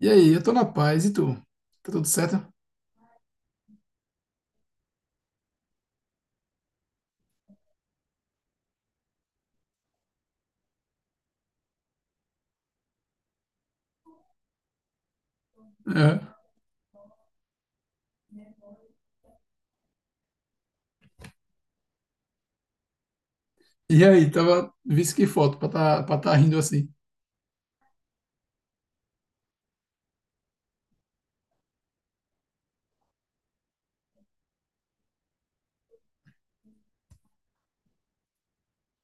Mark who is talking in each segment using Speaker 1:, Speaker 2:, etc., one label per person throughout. Speaker 1: E aí, eu tô na paz, e tu? Tá tudo certo? É. E aí, tava, visse que foto pra tá rindo assim.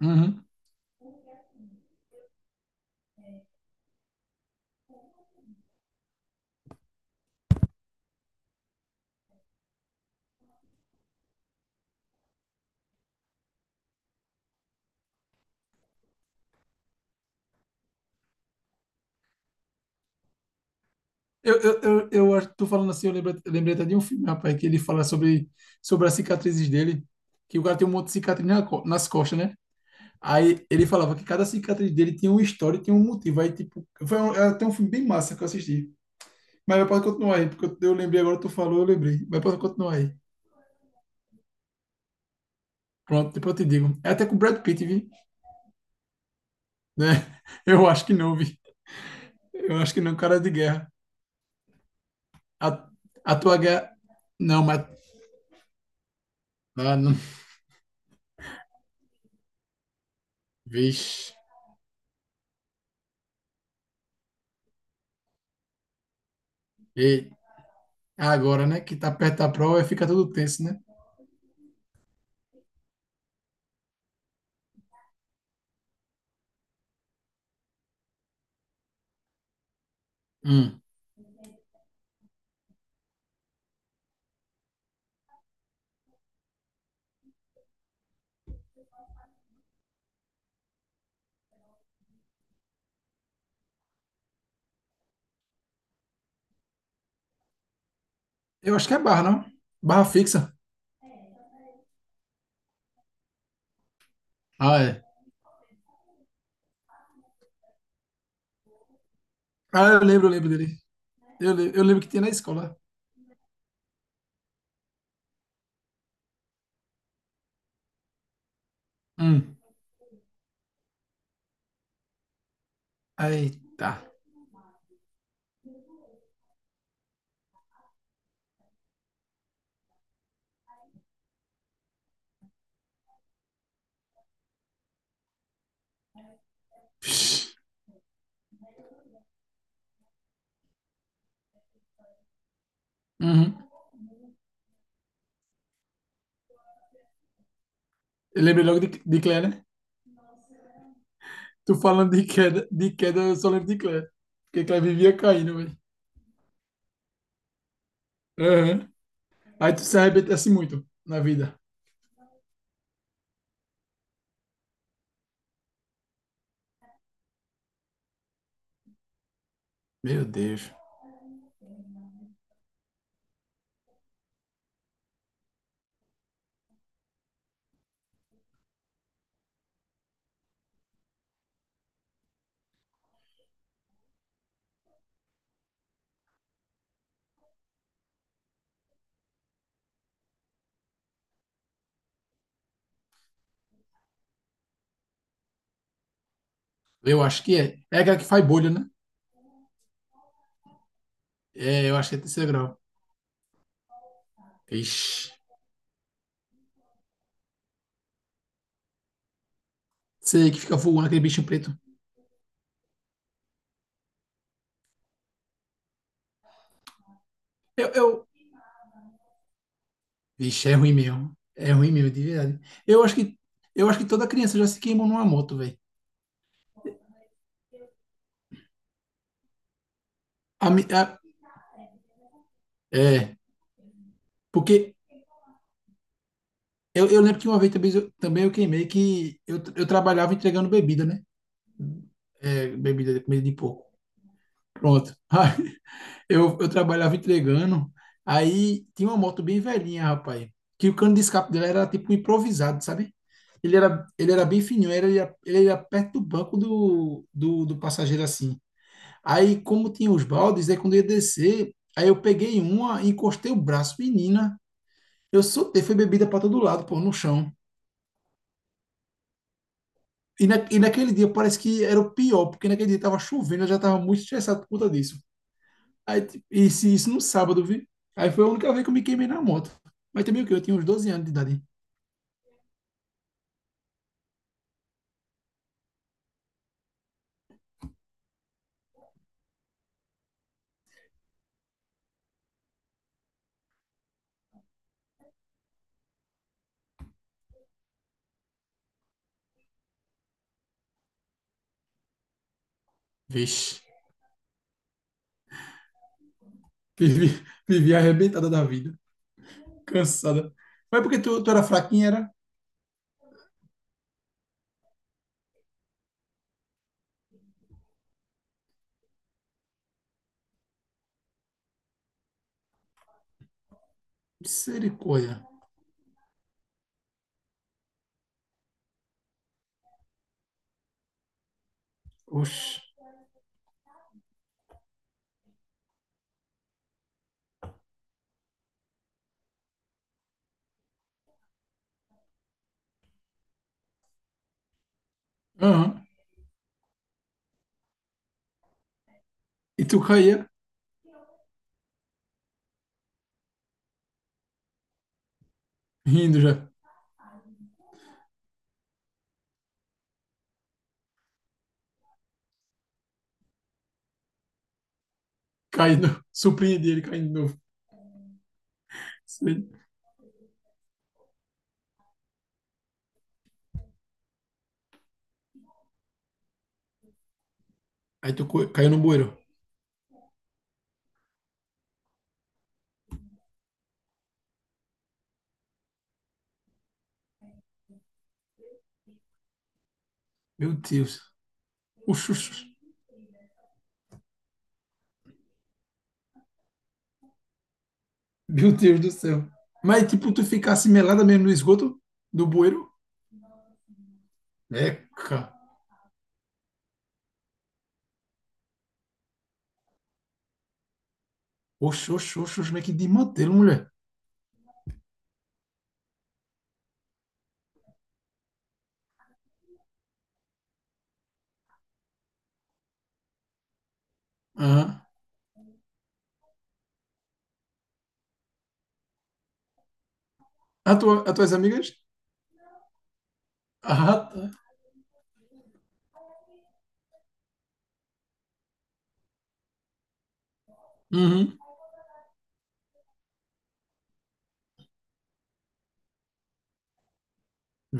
Speaker 1: Uhum. Eu acho que tu falando assim, lembrei até de um filme, rapaz, que ele fala sobre as cicatrizes dele, que o cara tem um monte de cicatriz na nas costas, né? Aí ele falava que cada cicatriz dele tinha uma história e tinha um motivo. Aí, tipo, era até um filme bem massa que eu assisti. Mas pode continuar aí, porque eu lembrei agora, tu falou, eu lembrei. Mas pode continuar aí. Pronto, depois eu te digo. É até com o Brad Pitt, vi? Né? Eu acho que não, vi. Eu acho que não, é um cara de guerra. A, a tua guerra. Não, mas. Ah, não. Vixe. E agora, né? Que tá perto da prova e fica tudo tenso, né? Hum. Eu acho que é barra, não? Barra fixa. Ah, é. Eu lembro dele. Eu lembro que tinha na escola. Hum. Eita. Vixe. Uhum. Eu lembrei logo de Claire, né? Tu falando de queda, eu só lembro de Claire. Porque Claire vivia caindo, velho. Aham. Aí tu se arrebentasse muito na vida. Meu Deus. Eu acho que é. É aquela que faz bolha, né? É, eu acho que é terceiro grau. Ixi. Sei que fica voando aquele bicho preto. Eu, eu... Ixi, é ruim mesmo. É ruim mesmo, de verdade. Eu acho que, eu acho que toda criança já se queimou numa moto, velho. A mi- a- É, porque eu lembro que uma vez também eu queimei que eu trabalhava entregando bebida, né? É, bebida, comida de porco. Pronto. Eu trabalhava entregando, aí tinha uma moto bem velhinha, rapaz, que o cano de escape dela era tipo improvisado, sabe? Ele era bem fininho, ele era perto do banco do passageiro assim. Aí, como tinha os baldes, aí quando eu ia descer, aí eu peguei uma, encostei o braço, menina, eu soltei, foi bebida para todo lado, pô, no chão. E naquele dia parece que era o pior, porque naquele dia tava chovendo, eu já tava muito estressado por conta disso. Aí, tipo, isso no sábado, vi. Aí foi a única vez que eu me queimei na moto. Mas também o quê? Eu tinha uns doze anos de idade. Vixe, vivi, vivi arrebentada da vida. Cansada. Mas porque tu era fraquinha, era misericórdia. Oxe. Aham. E tu caía rindo já. Caindo. Surpreendi ele caindo de novo. Sei. Aí caiu no bueiro. Meu Deus. Oxe, oxe, oxe. Meu Deus do céu. Mas tipo, tu ficasse melada mesmo no esgoto do bueiro? Eca. Oxe, oxe, oxe, oxe, como é que de mantê-lo, mulher. Aham. As tuas amigas? Ah, tá. Uhum.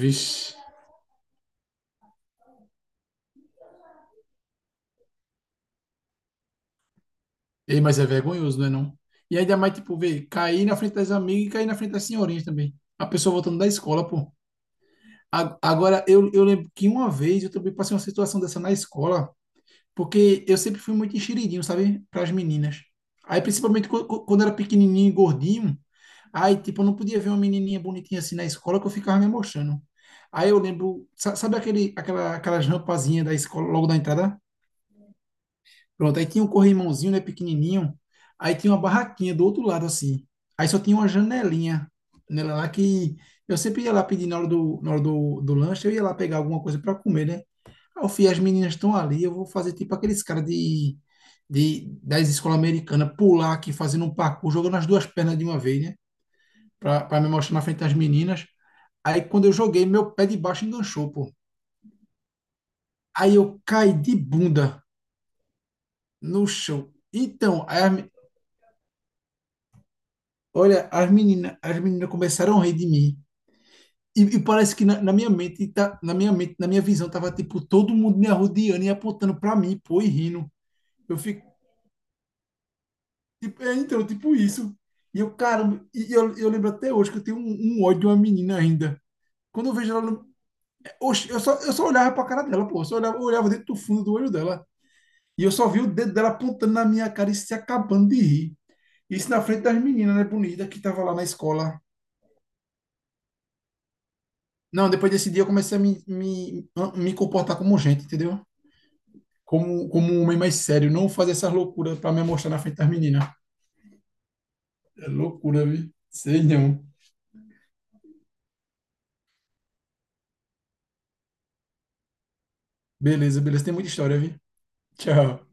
Speaker 1: Vixe. Ei, mas é vergonhoso, não é não? E ainda mais, tipo, ver, cair na frente das amigas e cair na frente das senhorinhas também. A pessoa voltando da escola, pô. Agora, eu lembro que uma vez eu também passei uma situação dessa na escola. Porque eu sempre fui muito enxeridinho, sabe? Para as meninas. Aí, principalmente quando era pequenininho e gordinho, aí, tipo, eu não podia ver uma menininha bonitinha assim na escola que eu ficava me mostrando. Aí eu lembro, sabe aquelas rampazinhas da escola logo da entrada? Pronto, aí tinha um corrimãozinho, né, pequenininho. Aí tinha uma barraquinha do outro lado, assim. Aí só tinha uma janelinha nela lá que eu sempre ia lá pedir na hora na hora do lanche, eu ia lá pegar alguma coisa para comer, né? Ah, eu fui, as meninas estão ali, eu vou fazer tipo aqueles caras de, das escolas americanas, pular aqui, fazendo um parkour, jogando as duas pernas de uma vez, né? Pra me mostrar na frente das meninas. Aí quando eu joguei, meu pé de baixo enganchou, pô. Aí eu caí de bunda no chão. Então, olha, as meninas começaram a rir de mim. E parece que na minha mente, tá, na minha mente, na minha visão, tava tipo todo mundo me arrodeando e apontando pra mim, pô, e rindo. Eu é, então, tipo isso. E eu, cara, e eu lembro até hoje que eu tenho um ódio de uma menina ainda. Quando eu vejo ela. Oxe, eu só olhava pra cara dela, pô. Eu olhava dentro do fundo do olho dela. E eu só vi o dedo dela apontando na minha cara e se acabando de rir. Isso na frente das meninas, né, bonita, que tava lá na escola. Não, depois desse dia eu comecei me comportar como gente, entendeu? Como um homem mais sério. Não fazer essas loucuras pra me mostrar na frente das meninas. É loucura, vi. Sei não. Beleza, beleza. Tem muita história, vi. Tchau.